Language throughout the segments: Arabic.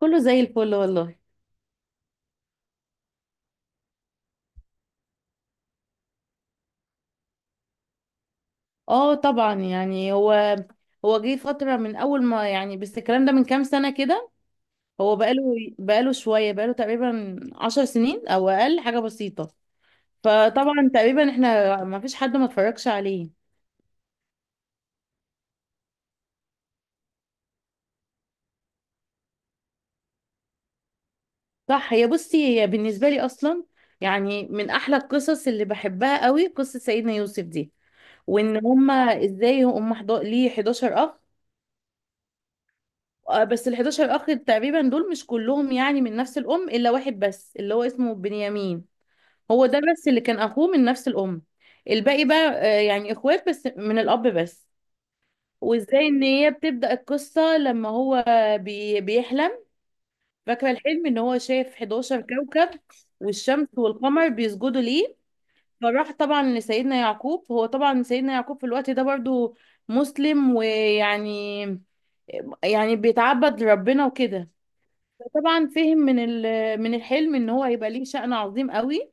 كله زي الفل والله. اه، طبعا، يعني هو جه فترة من أول ما، يعني بس الكلام ده من كام سنة كده. هو بقاله شوية، بقاله تقريبا عشر سنين أو أقل، حاجة بسيطة. فطبعا تقريبا احنا ما فيش حد ما اتفرجش عليه. صح. هي بصي، هي بالنسبة لي أصلا يعني من أحلى القصص اللي بحبها قوي قصة سيدنا يوسف دي. وإن هما إزاي هما ليه 11 أخ. بس ال 11 اخ تقريبا دول مش كلهم يعني من نفس الام، الا واحد بس اللي هو اسمه بنيامين. هو ده بس اللي كان اخوه من نفس الام. الباقي بقى يعني اخوات بس من الاب بس. وازاي ان هي بتبدأ القصة لما هو بيحلم. فاكرة الحلم ان هو شايف 11 كوكب والشمس والقمر بيسجدوا ليه. فراح طبعا لسيدنا يعقوب. هو طبعا سيدنا يعقوب في الوقت ده برضو مسلم، ويعني يعني بيتعبد لربنا وكده. طبعا فهم من من الحلم ان هو هيبقى ليه شأن عظيم قوي.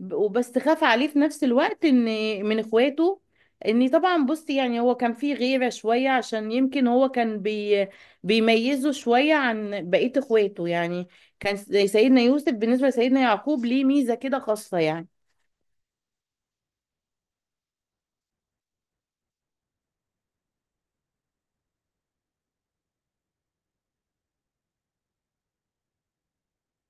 وبس خاف عليه في نفس الوقت ان من اخواته. ان طبعا بصي، يعني هو كان فيه غيرة شوية عشان يمكن هو كان بيميزه شوية عن بقية اخواته يعني. كان سيدنا يوسف بالنسبة لسيدنا يعقوب ليه ميزة كده خاصة يعني.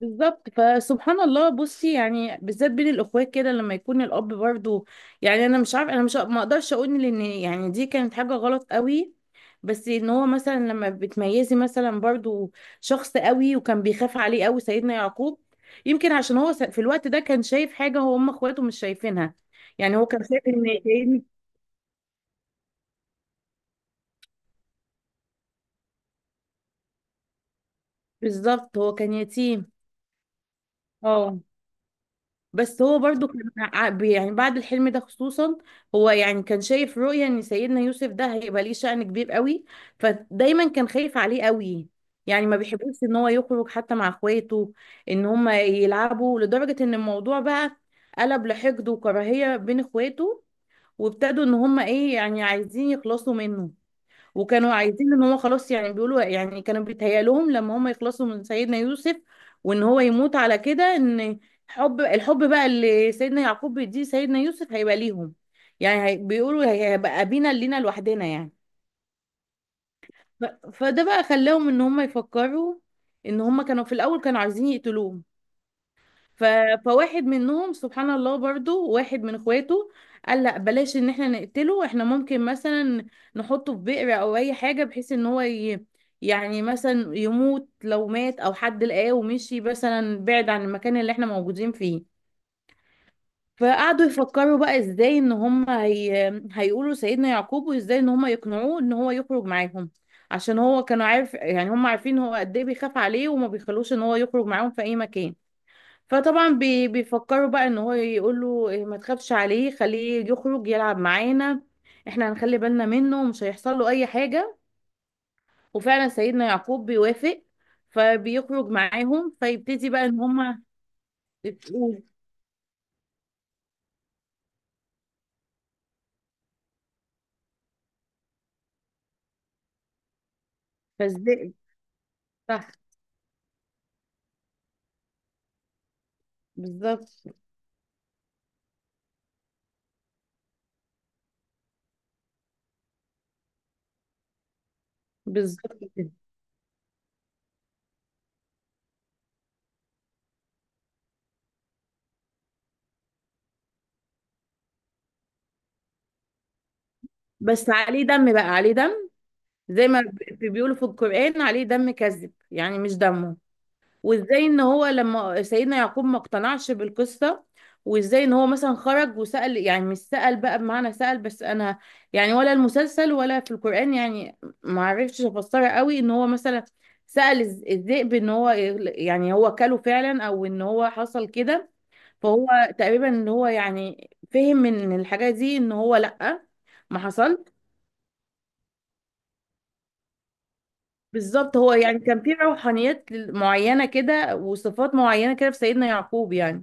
بالظبط. فسبحان الله، بصي يعني بالذات بين الاخوات كده لما يكون الاب برضو، يعني انا مش عارفه، انا مش، ما اقدرش اقول لان يعني دي كانت حاجه غلط قوي. بس ان هو مثلا لما بتميزي مثلا برضو شخص قوي، وكان بيخاف عليه قوي سيدنا يعقوب. يمكن عشان هو في الوقت ده كان شايف حاجه هو، هم اخواته مش شايفينها. يعني هو كان شايف ان، بالظبط هو كان يتيم. اه. بس هو برضو كان يعني بعد الحلم ده خصوصا هو يعني كان شايف رؤية ان سيدنا يوسف ده هيبقى ليه شأن كبير قوي. فدايما كان خايف عليه قوي. يعني ما بيحبوش ان هو يخرج حتى مع اخواته ان هم يلعبوا، لدرجة ان الموضوع بقى قلب لحقد وكراهية بين اخواته. وابتدوا ان هم ايه، يعني عايزين يخلصوا منه. وكانوا عايزين ان هو خلاص، يعني بيقولوا، يعني كانوا بيتهيألهم لما هم يخلصوا من سيدنا يوسف وان هو يموت على كده، ان الحب بقى اللي سيدنا يعقوب بيديه سيدنا يوسف هيبقى ليهم. يعني بيقولوا هيبقى أبينا لينا لوحدنا يعني. فده بقى خلاهم ان هم يفكروا ان هم كانوا في الاول كانوا عايزين يقتلوه. ف... فواحد منهم سبحان الله، برضو واحد من اخواته قال لا بلاش ان احنا نقتله. احنا ممكن مثلا نحطه في بئر او اي حاجة بحيث ان هو يعني مثلا يموت لو مات، او حد لقاه ومشي مثلا بعيد عن المكان اللي احنا موجودين فيه. فقعدوا يفكروا بقى ازاي ان هم هيقولوا سيدنا يعقوب، وازاي ان هم يقنعوه ان هو يخرج معاهم، عشان هو كانوا عارف، يعني هم عارفين هو قد ايه بيخاف عليه وما بيخلوش ان هو يخرج معاهم في اي مكان. فطبعا بيفكروا بقى ان هو يقول له إيه، ما تخافش عليه، خليه يخرج يلعب معانا، احنا هنخلي بالنا منه ومش هيحصل له اي حاجة. وفعلا سيدنا يعقوب بيوافق. فبيخرج معاهم، فيبتدي بقى ان هما يتقول. فازاي، صح، بالظبط بالظبط كده. بس عليه دم بقى، عليه دم، زي ما بيقولوا في القرآن عليه دم كذب يعني مش دمه. وازاي ان هو لما سيدنا يعقوب ما اقتنعش بالقصة، وازاي ان هو مثلا خرج وسأل، يعني مش سأل بقى بمعنى سأل، بس انا يعني، ولا المسلسل ولا في القرآن يعني ما عرفتش افسرها قوي، ان هو مثلا سأل الذئب ان هو يعني هو كله فعلا او ان هو حصل كده. فهو تقريبا ان هو يعني فهم من الحاجة دي ان هو لأ ما حصل. بالظبط. هو يعني كان في روحانيات معينة كده وصفات معينة كده في سيدنا يعقوب يعني.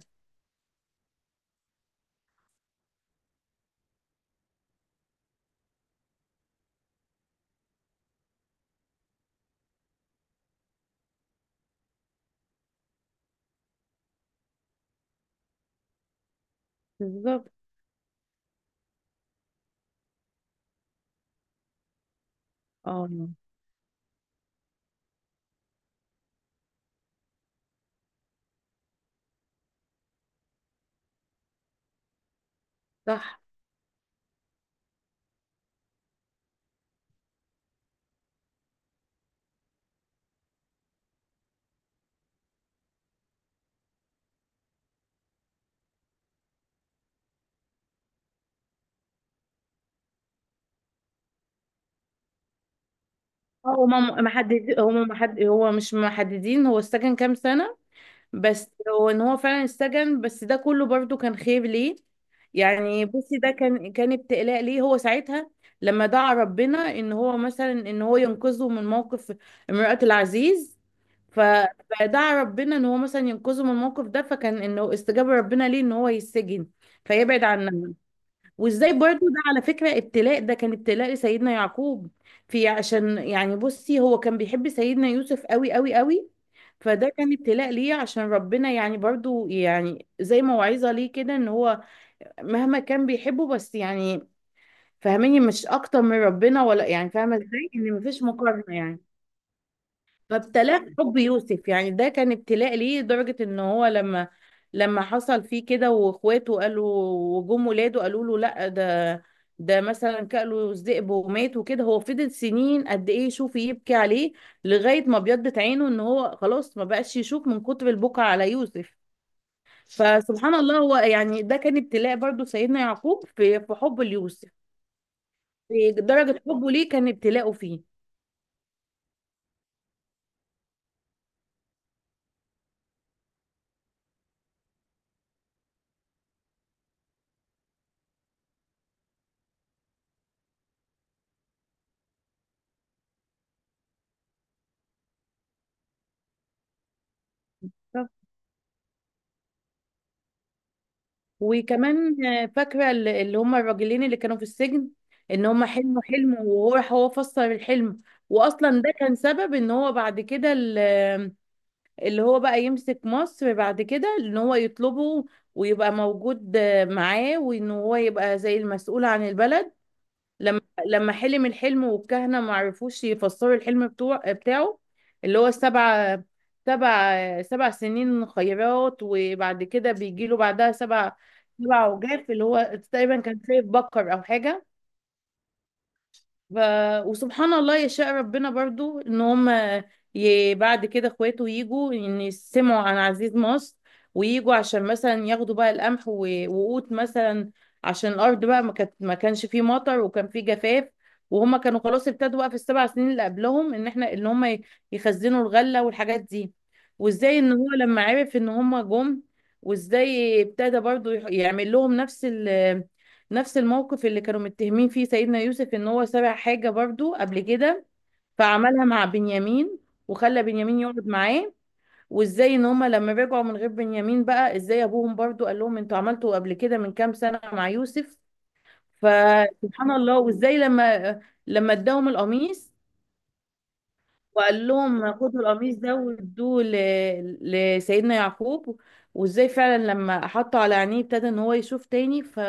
بالظبط. اه، صح. هو ما محدد، هو مش محددين هو السجن كام سنة. بس هو ان هو فعلا السجن، بس ده كله برضو كان خير ليه. يعني بصي ده كان ابتلاء ليه هو ساعتها، لما دعا ربنا ان هو مثلا، ان هو ينقذه من موقف امرأة العزيز. ف- فدعا ربنا ان هو مثلا ينقذه من الموقف ده، فكان انه استجاب ربنا ليه ان هو يسجن فيبعد عنها. وازاي برضو، ده على فكرة ابتلاء، ده كان ابتلاء لسيدنا يعقوب في، عشان يعني بصي هو كان بيحب سيدنا يوسف قوي قوي قوي. فده كان ابتلاء ليه، عشان ربنا يعني برضو يعني زي موعظة ليه كده، ان هو مهما كان بيحبه، بس يعني فاهميني، مش اكتر من ربنا، ولا يعني فاهمة ازاي ان مفيش مقارنة يعني. فابتلاه حب يوسف، يعني ده كان ابتلاء ليه لدرجة ان هو لما حصل فيه كده واخواته قالوا، وجم ولاده قالوا له لا، ده مثلا كأله الذئب ومات وكده، هو فضل سنين قد ايه يشوف، يبكي عليه لغاية ما بيضت عينه، ان هو خلاص ما بقاش يشوف من كتر البكا على يوسف. فسبحان الله، هو يعني ده كان ابتلاء برضو سيدنا يعقوب في حب ليوسف، في درجة حبه ليه كان ابتلاءه فيه. وكمان، فاكرة اللي هم الراجلين اللي كانوا في السجن، ان هم حلموا حلم، وهو راح هو فسر الحلم. واصلا ده كان سبب ان هو بعد كده اللي هو بقى يمسك مصر بعد كده، ان هو يطلبه ويبقى موجود معاه، وان هو يبقى زي المسؤول عن البلد. لما لما حلم الحلم، والكهنة ما عرفوش يفسروا الحلم بتاعه، اللي هو السبع، سبع سنين خيرات، وبعد كده بيجي له بعدها سبع عجاف، اللي هو تقريبا كان شايف بكر او حاجة. ف... وسبحان الله يشاء ربنا برضو ان هم بعد كده اخواته يجوا ان يسمعوا عن عزيز مصر، ويجوا عشان مثلا ياخدوا بقى القمح وقوت مثلا، عشان الارض بقى ما كانش فيه مطر وكان فيه جفاف. وهم كانوا خلاص ابتدوا بقى في السبع سنين اللي قبلهم ان احنا، ان هم يخزنوا الغله والحاجات دي. وازاي ان هو لما عرف ان هم جم، وازاي ابتدى برضو يعمل لهم نفس نفس الموقف اللي كانوا متهمين فيه سيدنا يوسف، ان هو سرق حاجة برضو قبل كده. فعملها مع بنيامين، وخلى بنيامين يقعد معاه. وازاي ان هما لما رجعوا من غير بنيامين بقى، ازاي ابوهم برضو قال لهم انتوا عملتوا قبل كده من كام سنة مع يوسف. فسبحان الله، وازاي لما اداهم القميص، وقال لهم خدوا القميص ده وادوه لسيدنا يعقوب، وازاي فعلا لما حطه على عينيه ابتدى ان هو يشوف تاني. ف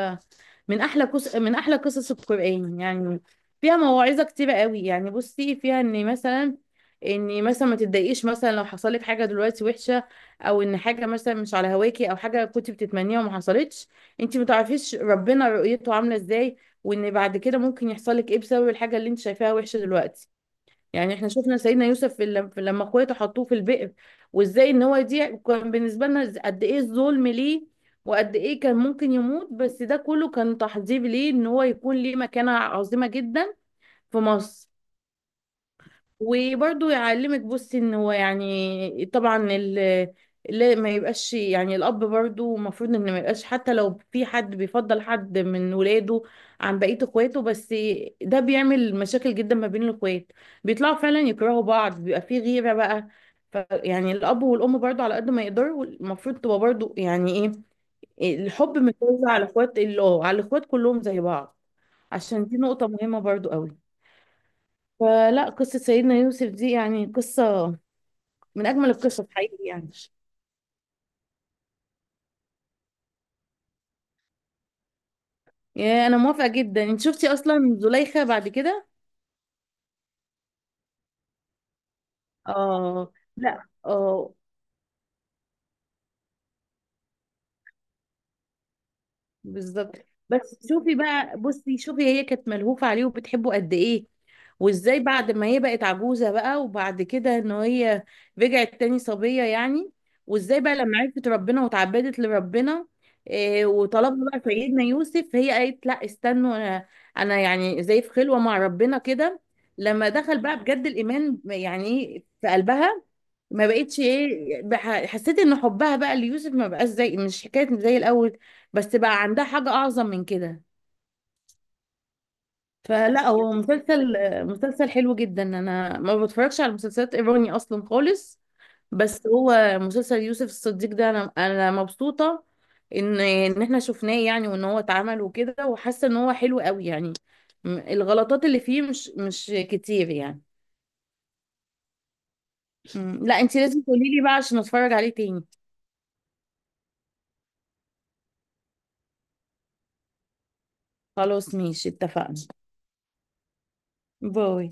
من احلى قصص القرآن يعني. فيها مواعظة كتيرة قوي يعني. بصي، فيها ان مثلا، ان مثلا ما تتضايقيش مثلا لو حصل لك حاجه دلوقتي وحشه، او ان حاجه مثلا مش على هواكي، او حاجه كنت بتتمنيها وما حصلتش. انت ما تعرفيش ربنا رؤيته عامله ازاي، وان بعد كده ممكن يحصل لك ايه بسبب الحاجه اللي انت شايفاها وحشه دلوقتي. يعني احنا شفنا سيدنا يوسف في لما اخواته حطوه في البئر، وازاي ان هو يضيع كان بالنسبه لنا قد ايه الظلم ليه، وقد ايه كان ممكن يموت، بس ده كله كان تحضير ليه ان هو يكون ليه مكانه عظيمه جدا في مصر. وبرضه يعلمك بصي ان هو يعني طبعا لا ما يبقاش، يعني الاب برضه المفروض ان ما يبقاش حتى لو في حد بيفضل حد من ولاده عن بقيه اخواته، بس ده بيعمل مشاكل جدا ما بين الاخوات. بيطلعوا فعلا يكرهوا بعض، بيبقى في غيره بقى. ف يعني الاب والام برضه على قد ما يقدروا المفروض تبقى برضه يعني ايه، الحب متوزع على اخوات على الاخوات كلهم زي بعض، عشان دي نقطه مهمه برضه قوي. فلا قصة سيدنا يوسف دي يعني قصة من أجمل القصص حقيقي يعني. يا، أنا موافقة جدا. أنت شفتي أصلا زليخة بعد كده؟ آه. لا، آه. بالظبط. بس شوفي بقى، بصي شوفي، هي كانت ملهوفة عليه وبتحبه قد ايه، وازاي بعد ما هي بقت عجوزة بقى وبعد كده ان هي رجعت تاني صبية يعني، وازاي بقى لما عرفت ربنا وتعبدت لربنا، وطلبنا بقى سيدنا يوسف، هي قالت لا استنوا، انا يعني زي في خلوة مع ربنا كده. لما دخل بقى بجد الايمان يعني في قلبها، ما بقتش ايه حسيت ان حبها بقى ليوسف ما بقاش زي، مش حكايه زي الاول، بس بقى عندها حاجه اعظم من كده. فلا هو مسلسل حلو جدا، انا ما بتفرجش على مسلسلات ايراني اصلا خالص. بس هو مسلسل يوسف الصديق ده انا مبسوطه ان احنا شفناه يعني، وان هو اتعمل وكده، وحاسه ان هو حلو قوي يعني. الغلطات اللي فيه مش كتير يعني. لا انت لازم تقولي لي بقى عشان اتفرج عليه تاني. خلاص، ماشي، اتفقنا. باي.